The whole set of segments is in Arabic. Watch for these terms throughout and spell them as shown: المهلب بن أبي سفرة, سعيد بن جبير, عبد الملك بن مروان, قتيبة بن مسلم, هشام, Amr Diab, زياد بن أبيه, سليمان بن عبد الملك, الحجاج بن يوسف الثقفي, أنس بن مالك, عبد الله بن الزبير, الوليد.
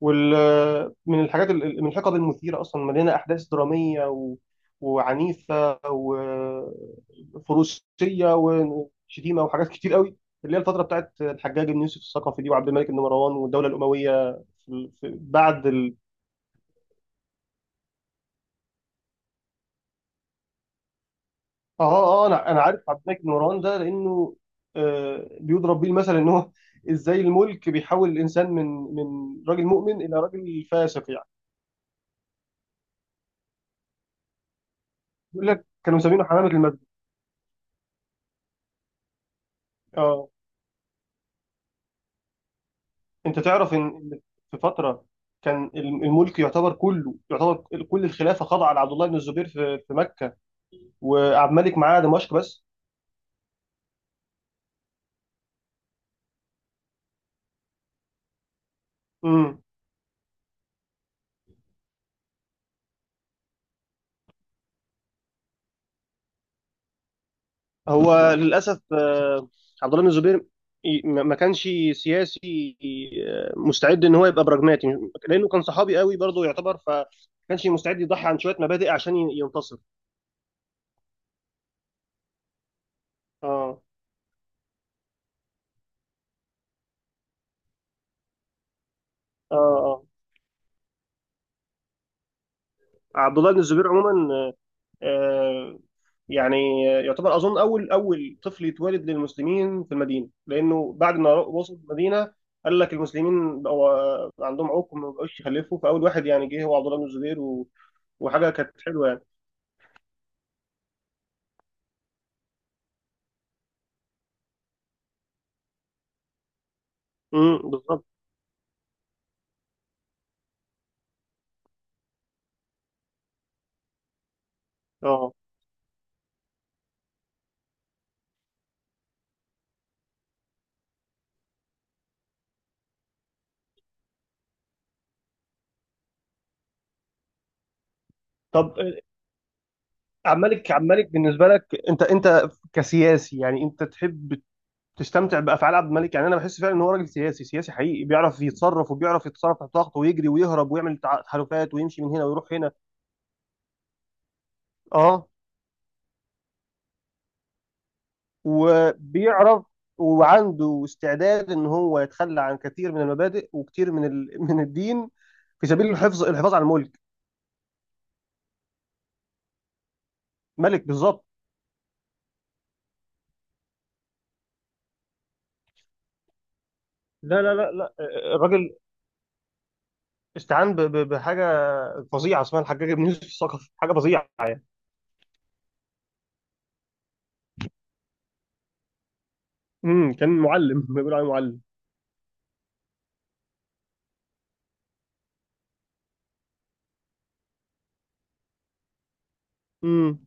وال من الحاجات من الحقب المثيرة أصلا مليانة أحداث درامية وعنيفة وفروسية وشتيمة وحاجات كتير قوي، اللي هي الفترة بتاعت الحجاج بن يوسف الثقفي دي وعبد الملك بن مروان والدولة الأموية. آه آه آه، أنا عارف عبد الملك بن مروان ده لأنه بيضرب بيه المثل، إن هو إزاي الملك بيحول الإنسان من راجل مؤمن إلى راجل فاسق يعني. بيقول لك كانوا مسمينه حمامة المسجد. آه، انت تعرف ان في فتره كان الملك يعتبر، كله يعتبر كل الخلافه خاضعه لعبد الله بن الزبير في مكه، وعبد الملك معاه دمشق بس. امم. هو للاسف عبد الله بن الزبير ما كانش سياسي مستعد ان هو يبقى براجماتي، لانه كان صحابي قوي برضه يعتبر، فما كانش مستعد يضحي عن شويه مبادئ عشان ينتصر. اه، اه، اه. عبد الله بن الزبير عموما آه، يعني يعتبر، اظن، اول طفل يتولد للمسلمين في المدينه، لانه بعد ما وصل المدينه قال لك المسلمين بقوا عندهم عقم، ما بقوش يخلفوا، فاول واحد يعني جه هو عبد الله بن الزبير، وحاجه كانت حلوه يعني. امم، بالظبط، اه. طب عمالك بالنسبه لك، انت كسياسي، يعني انت تحب تستمتع بافعال عبد الملك؟ يعني انا بحس فعلا ان هو راجل سياسي، سياسي حقيقي، بيعرف يتصرف، وبيعرف يتصرف تحت ضغط، ويجري، ويهرب، ويعمل تحالفات، ويمشي من هنا ويروح هنا. اه، وبيعرف وعنده استعداد ان هو يتخلى عن كثير من المبادئ وكثير من من الدين، في سبيل الحفاظ على الملك. ملك، بالظبط. لا، لا، لا، لا. الراجل استعان بحاجه فظيعه اسمها الحجاج بن يوسف الثقفي، حاجه فظيعه يعني. امم، كان معلم، بيقولوا عليه معلم. امم.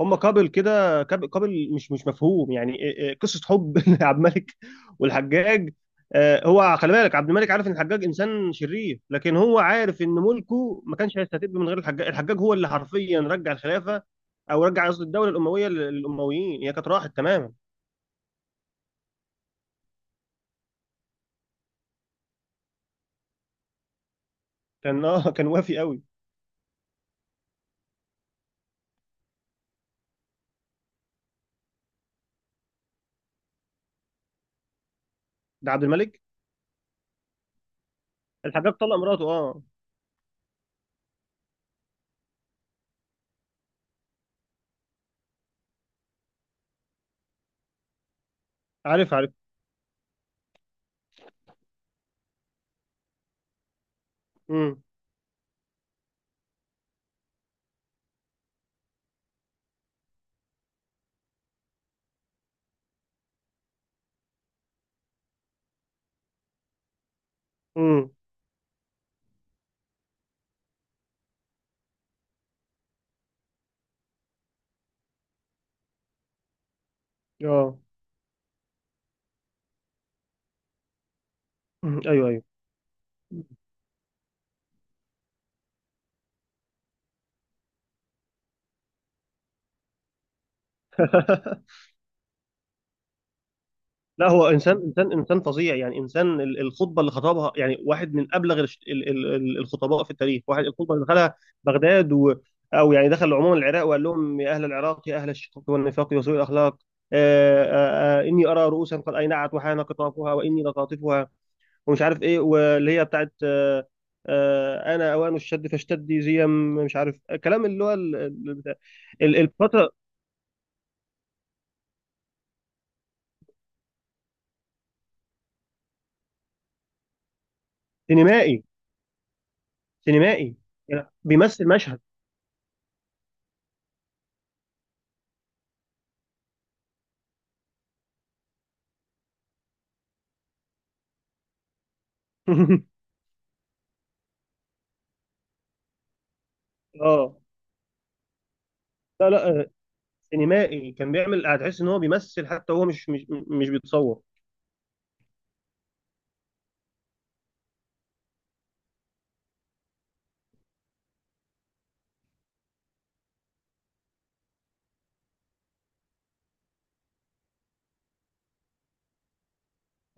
هم كابل كده، كابل مش مفهوم يعني. إيه، قصه حب عبد الملك والحجاج. هو خلي بالك عبد الملك عارف ان الحجاج انسان شرير، لكن هو عارف ان ملكه ما كانش هيستتب من غير الحجاج. الحجاج هو اللي حرفيا رجع الخلافه، او رجع قصدي الدوله الامويه للامويين، هي كانت راحت تماما. كان كان وافي قوي. ده عبد الملك. الحجاج طلق مراته، اه. عارف، عارف. امم. امم. اه. مم. ايوه، ايوه. لا، هو انسان فظيع يعني. انسان الخطبه اللي خطبها يعني واحد من ابلغ الخطباء في التاريخ. واحد الخطبه اللي دخلها بغداد، او يعني دخل عموما العراق، وقال لهم: يا اهل العراق، يا اهل الشقاق والنفاق وسوء الاخلاق، آه اني ارى رؤوسا قد اينعت وحان قطافها واني لطاطفها، ومش عارف ايه، واللي هي بتاعت انا اوان الشد فاشتدي، زي مش عارف، كلام اللي هو الفتره. سينمائي، سينمائي. يعني بيمثل مشهد اه، لا، لا، سينمائي، كان بيعمل هتحس ان هو بيمثل، حتى هو مش بيتصور.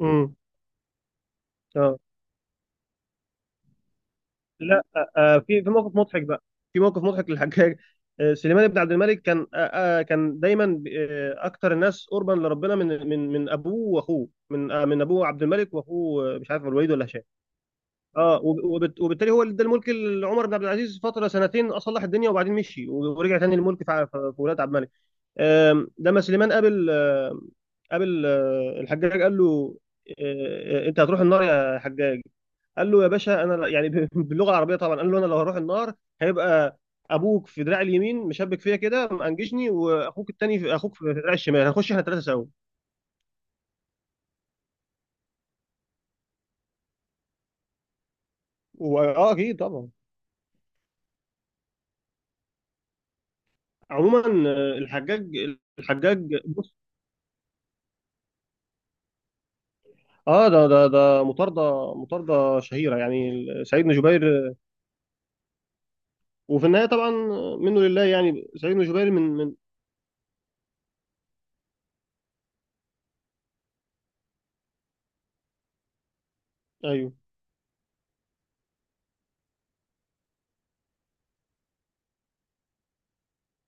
امم. اه. لا. في موقف مضحك بقى، في موقف مضحك للحجاج. سليمان بن عبد الملك كان دايما اكتر الناس قربا لربنا من ابوه واخوه، من ابوه عبد الملك، واخوه مش عارف الوليد ولا هشام. اه، وبالتالي هو اللي ادى الملك لعمر بن عبد العزيز فتره سنتين، اصلح الدنيا، وبعدين مشي، ورجع تاني الملك في ولاد عبد الملك. لما سليمان قابل الحجاج قال له: انت هتروح النار يا حجاج. قال له: يا باشا انا يعني باللغه العربيه طبعا، قال له: انا لو هروح النار هيبقى ابوك في دراعي اليمين مشبك فيا كده منجشني، واخوك التاني في اخوك في دراعي الشمال، هنخش احنا الثلاثه سوا. اه، اكيد طبعا. عموما الحجاج بص، اه، ده مطارده شهيره يعني، سعيد بن جبير. وفي النهايه طبعا منه لله يعني، سعيد بن جبير من. ايوه.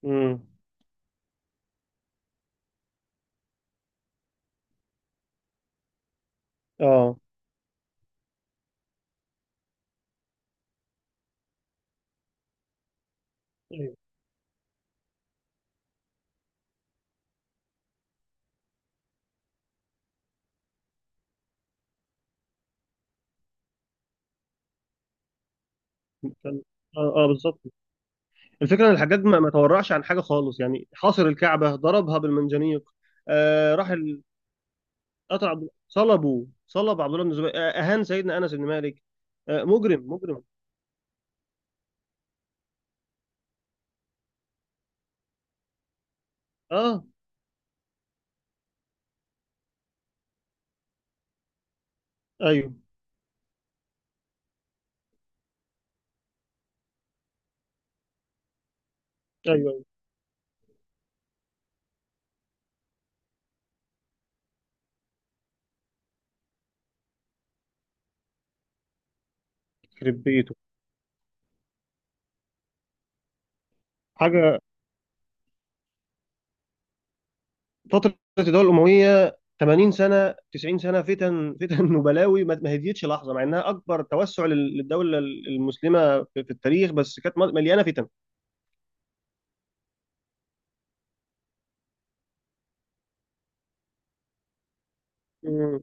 امم. اه. ايوه. كان- اه، آه، بالظبط. الفكره ان الحجاج ما تورعش عن حاجه خالص، يعني حاصر الكعبه، ضربها بالمنجنيق. آه، قتل عبد صلبه، صلب عبد الله بن الزبير، آه، اهان سيدنا انس بن مالك، آه، مجرم، مجرم. اه، ايوه، ايوه، ايوه. يخرب بيته. حاجه. فتره الدوله الامويه 80 سنه، 90 سنه، فتن، فتن وبلاوي، ما هديتش لحظه، مع انها اكبر توسع للدوله المسلمه في التاريخ، بس كانت مليانه فتن.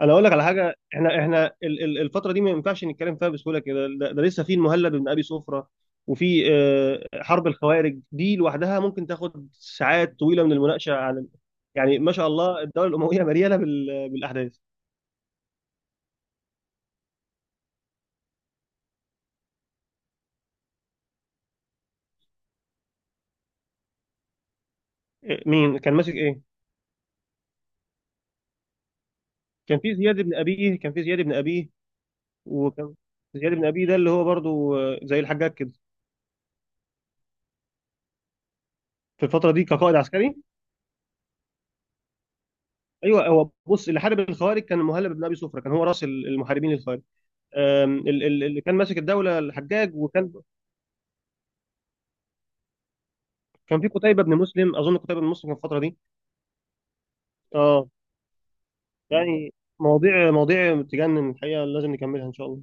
انا اقول لك على حاجه: احنا الفتره دي ما ينفعش نتكلم فيها بسهوله كده، ده لسه في المهلب بن ابي سفره، وفي حرب الخوارج دي لوحدها ممكن تاخد ساعات طويله من المناقشه عن يعني ما شاء الله الدوله الامويه مليانه بالاحداث. إيه، مين كان ماسك ايه؟ كان في زياد بن ابيه، كان في زياد بن ابيه، وكان زياد بن ابيه ده اللي هو برضو زي الحجاج كده، في الفتره دي كقائد عسكري. ايوه، هو بص، اللي حارب الخوارج كان المهلب بن ابي سفره، كان هو راس المحاربين للخوارج. اللي كان ماسك الدوله الحجاج، وكان في قتيبه بن مسلم اظن، قتيبه بن مسلم في الفتره دي. اه، يعني مواضيع، مواضيع تجنن الحقيقه، لازم نكملها ان شاء الله.